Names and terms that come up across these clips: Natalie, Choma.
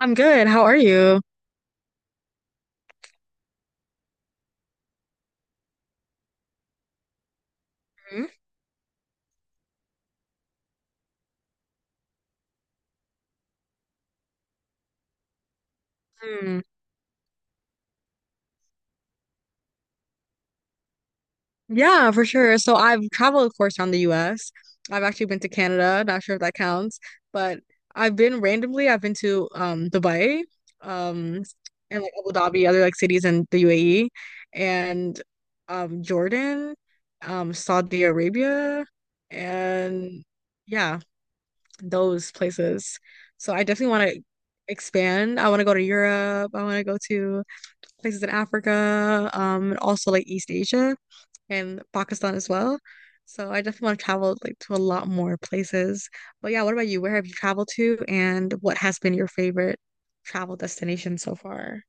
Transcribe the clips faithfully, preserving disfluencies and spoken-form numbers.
I'm good. How are you? Mhm. Hmm. Yeah, for sure. So I've traveled, of course, around the U S. I've actually been to Canada. Not sure if that counts, but I've been randomly. I've been to um Dubai, um, and like Abu Dhabi, other like cities in the U A E, and um Jordan, um Saudi Arabia, and yeah, those places. So I definitely want to expand. I want to go to Europe. I want to go to places in Africa, um, and also like East Asia and Pakistan as well. So I definitely want to travel like to a lot more places. But yeah, what about you? Where have you traveled to and what has been your favorite travel destination so far?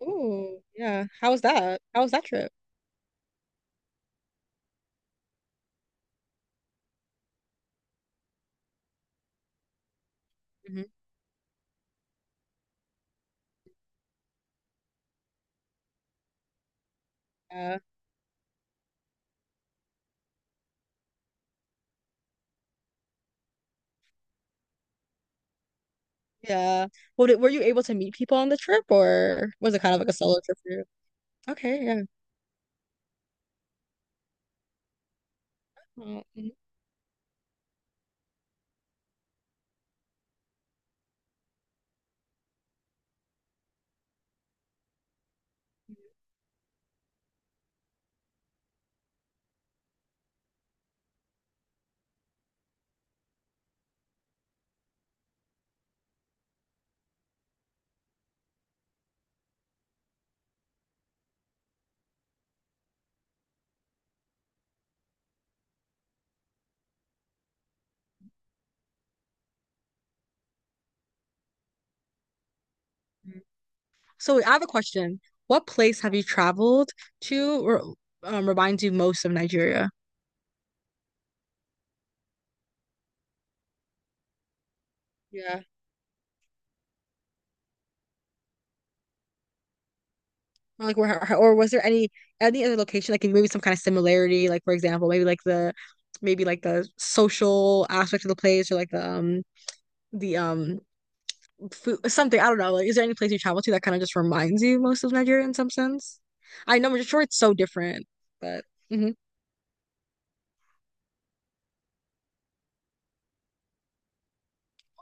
Oh yeah. How was that? How was that trip? Mhm. Yeah. Yeah. Well, did, were you able to meet people on the trip or was it kind of like a solo trip for you? Okay, yeah. Mm. So I have a question. What place have you traveled to or um, reminds you most of Nigeria? Yeah. Or like where or was there any any other location like maybe some kind of similarity, like for example maybe like the maybe like the social aspect of the place, or like the um the um food, something, I don't know, like is there any place you travel to that kind of just reminds you most of Nigeria in some sense? I know I'm sure it's so different, but Mhm.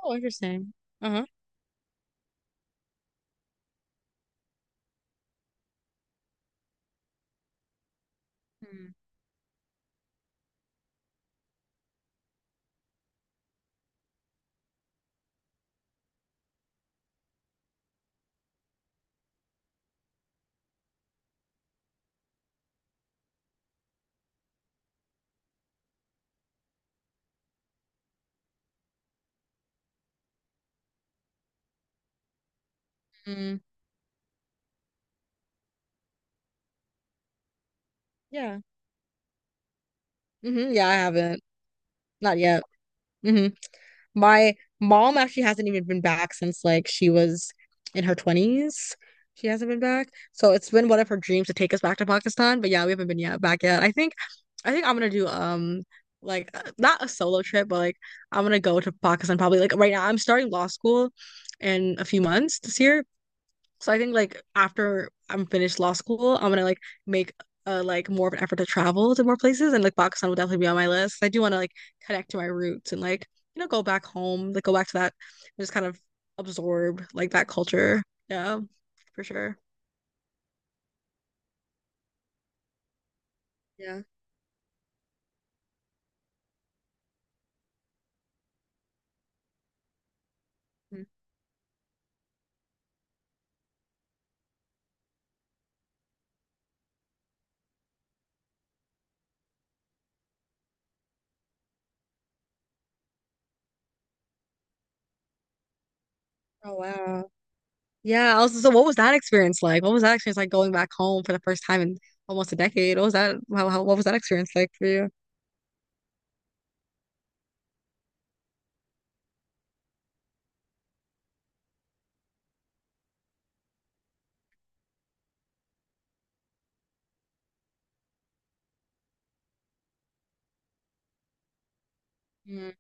Oh, interesting. Uh-huh. Mm. Mm. Yeah. hmm Yeah, I haven't. Not yet. Mhm. My mom actually hasn't even been back since like she was in her twenties. She hasn't been back. So it's been one of her dreams to take us back to Pakistan, but yeah, we haven't been yet back yet. I think I think I'm gonna do um like uh, not a solo trip, but like I'm gonna go to Pakistan probably. Like right now, I'm starting law school in a few months this year, so I think like after I'm finished law school, I'm gonna like make uh like more of an effort to travel to more places, and like Pakistan will definitely be on my list. I do want to like connect to my roots and like you know go back home, like go back to that, just kind of absorb like that culture. Yeah, for sure. Yeah. Mm. Oh wow. Yeah, also so what was that experience like? What was that experience like going back home for the first time in almost a decade? What was that how, how what was that experience like for you? Mm,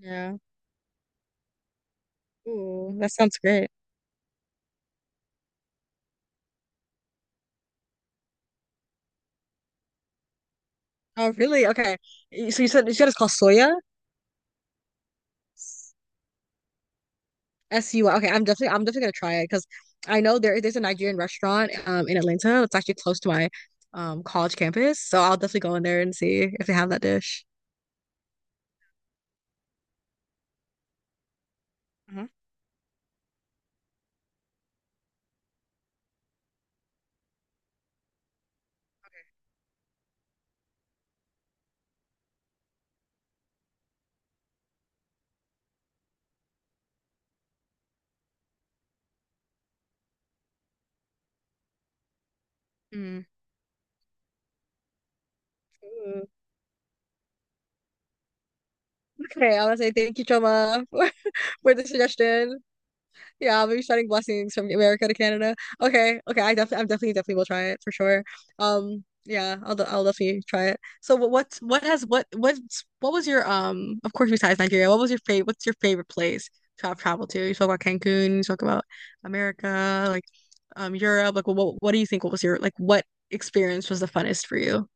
Yeah. Ooh, that sounds great. Oh, really? Okay. Y- So you said you said it's called soya? S U Y. Okay, I'm definitely I'm definitely gonna try it because I know there there's a Nigerian restaurant um in Atlanta. It's actually close to my um college campus. So I'll definitely go in there and see if they have that dish. Mhm. Mm. Mm. Okay, I want to say thank you, Choma, for, for the suggestion. Yeah, I'll be sending blessings from America to Canada. Okay, okay, I definitely, I'm definitely, definitely will try it for sure. Um, yeah, I'll, de- I'll definitely try it. So, what, what, what has, what, what, what was your, um, of course, besides Nigeria, what was your favorite, what's your favorite place to have traveled to? You talk about Cancun, you talk about America, like, um, Europe. Like, what, what do you think? What was your, like, what experience was the funnest for you?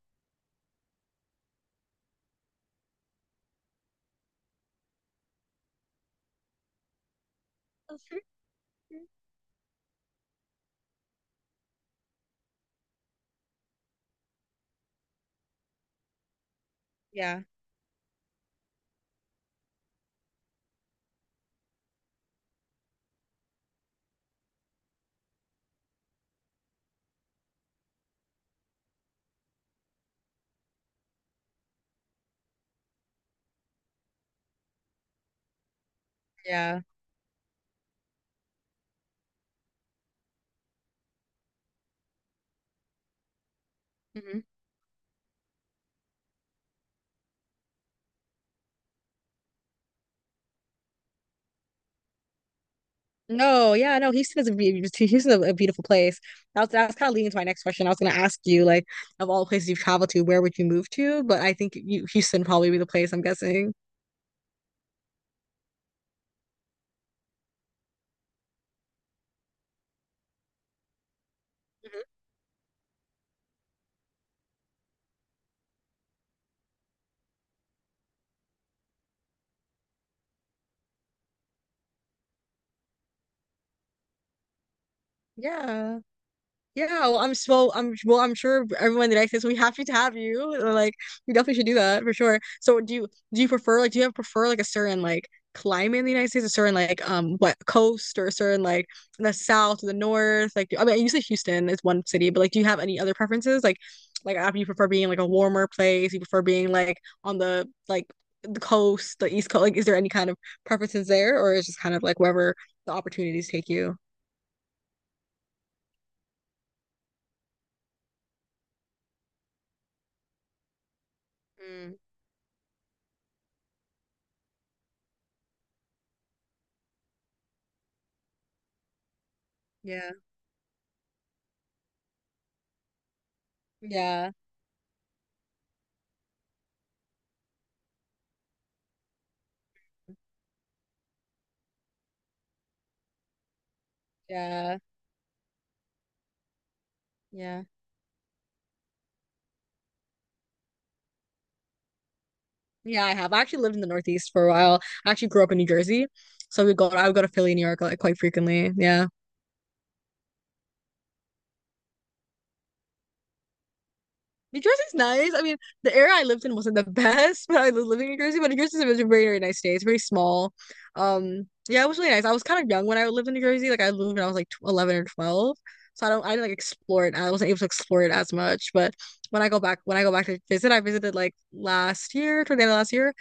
Okay. Yeah, yeah. Mhm. No, yeah, no, Houston is a be- Houston's a, a beautiful place. That was, that was kind of leading to my next question. I was going to ask you, like, of all the places you've traveled to, where would you move to? But I think you, Houston probably be the place, I'm guessing. Mhm. Yeah. Yeah, well, I'm s- well, I'm well, I'm sure everyone in the United States will be happy to have you. Uh, Like, you definitely should do that for sure. So, do you do you prefer like do you have prefer like a certain like climate in the United States, a certain like um what coast, or a certain like the south or the north? Like, do- I mean, you say Houston is one city, but like, do you have any other preferences? Like, like after you prefer being like a warmer place, you prefer being like on the like the coast, the East Coast. Like, is there any kind of preferences there, or is just kind of like wherever the opportunities take you? Mm, yeah, yeah, yeah. Yeah. Yeah, I have. I actually lived in the Northeast for a while. I actually grew up in New Jersey. So we go I would go to Philly, New York like quite frequently. Yeah. New Jersey's nice. I mean, the area I lived in wasn't the best, but I was living in New Jersey. But New Jersey's a very, very nice state. It's very small. Um, yeah, it was really nice. I was kind of young when I lived in New Jersey. Like I lived when I was like tw eleven or twelve. So I don't I didn't like explore it. I wasn't able to explore it as much. But when I go back when I go back to visit, I visited like last year, toward the end of last year.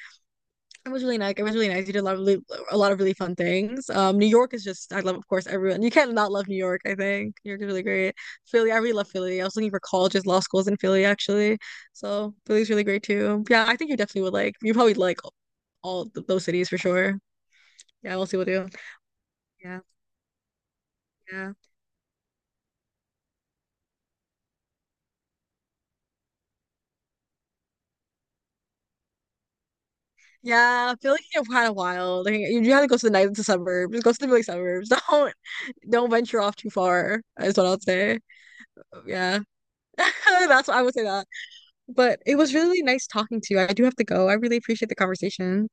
It was really nice. It was really nice. You did a lot of really, a lot of really fun things. Um, New York is just I love, of course, everyone. You can't not love New York, I think. New York is really great. Philly, I really love Philly. I was looking for colleges, law schools in Philly actually. So Philly's really great too. Yeah, I think you definitely would like. You probably like all th those cities for sure. Yeah, we'll see what we do. Yeah, yeah, yeah. Philly is kind of wild. Like, you, you have to go to the night to suburbs. Just go to the Philly suburbs. Don't don't venture off too far. Is what I'll say. Yeah, that's what I would say. That. But it was really nice talking to you. I do have to go. I really appreciate the conversation.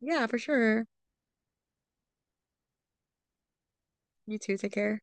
Yeah, for sure. You too. Take care.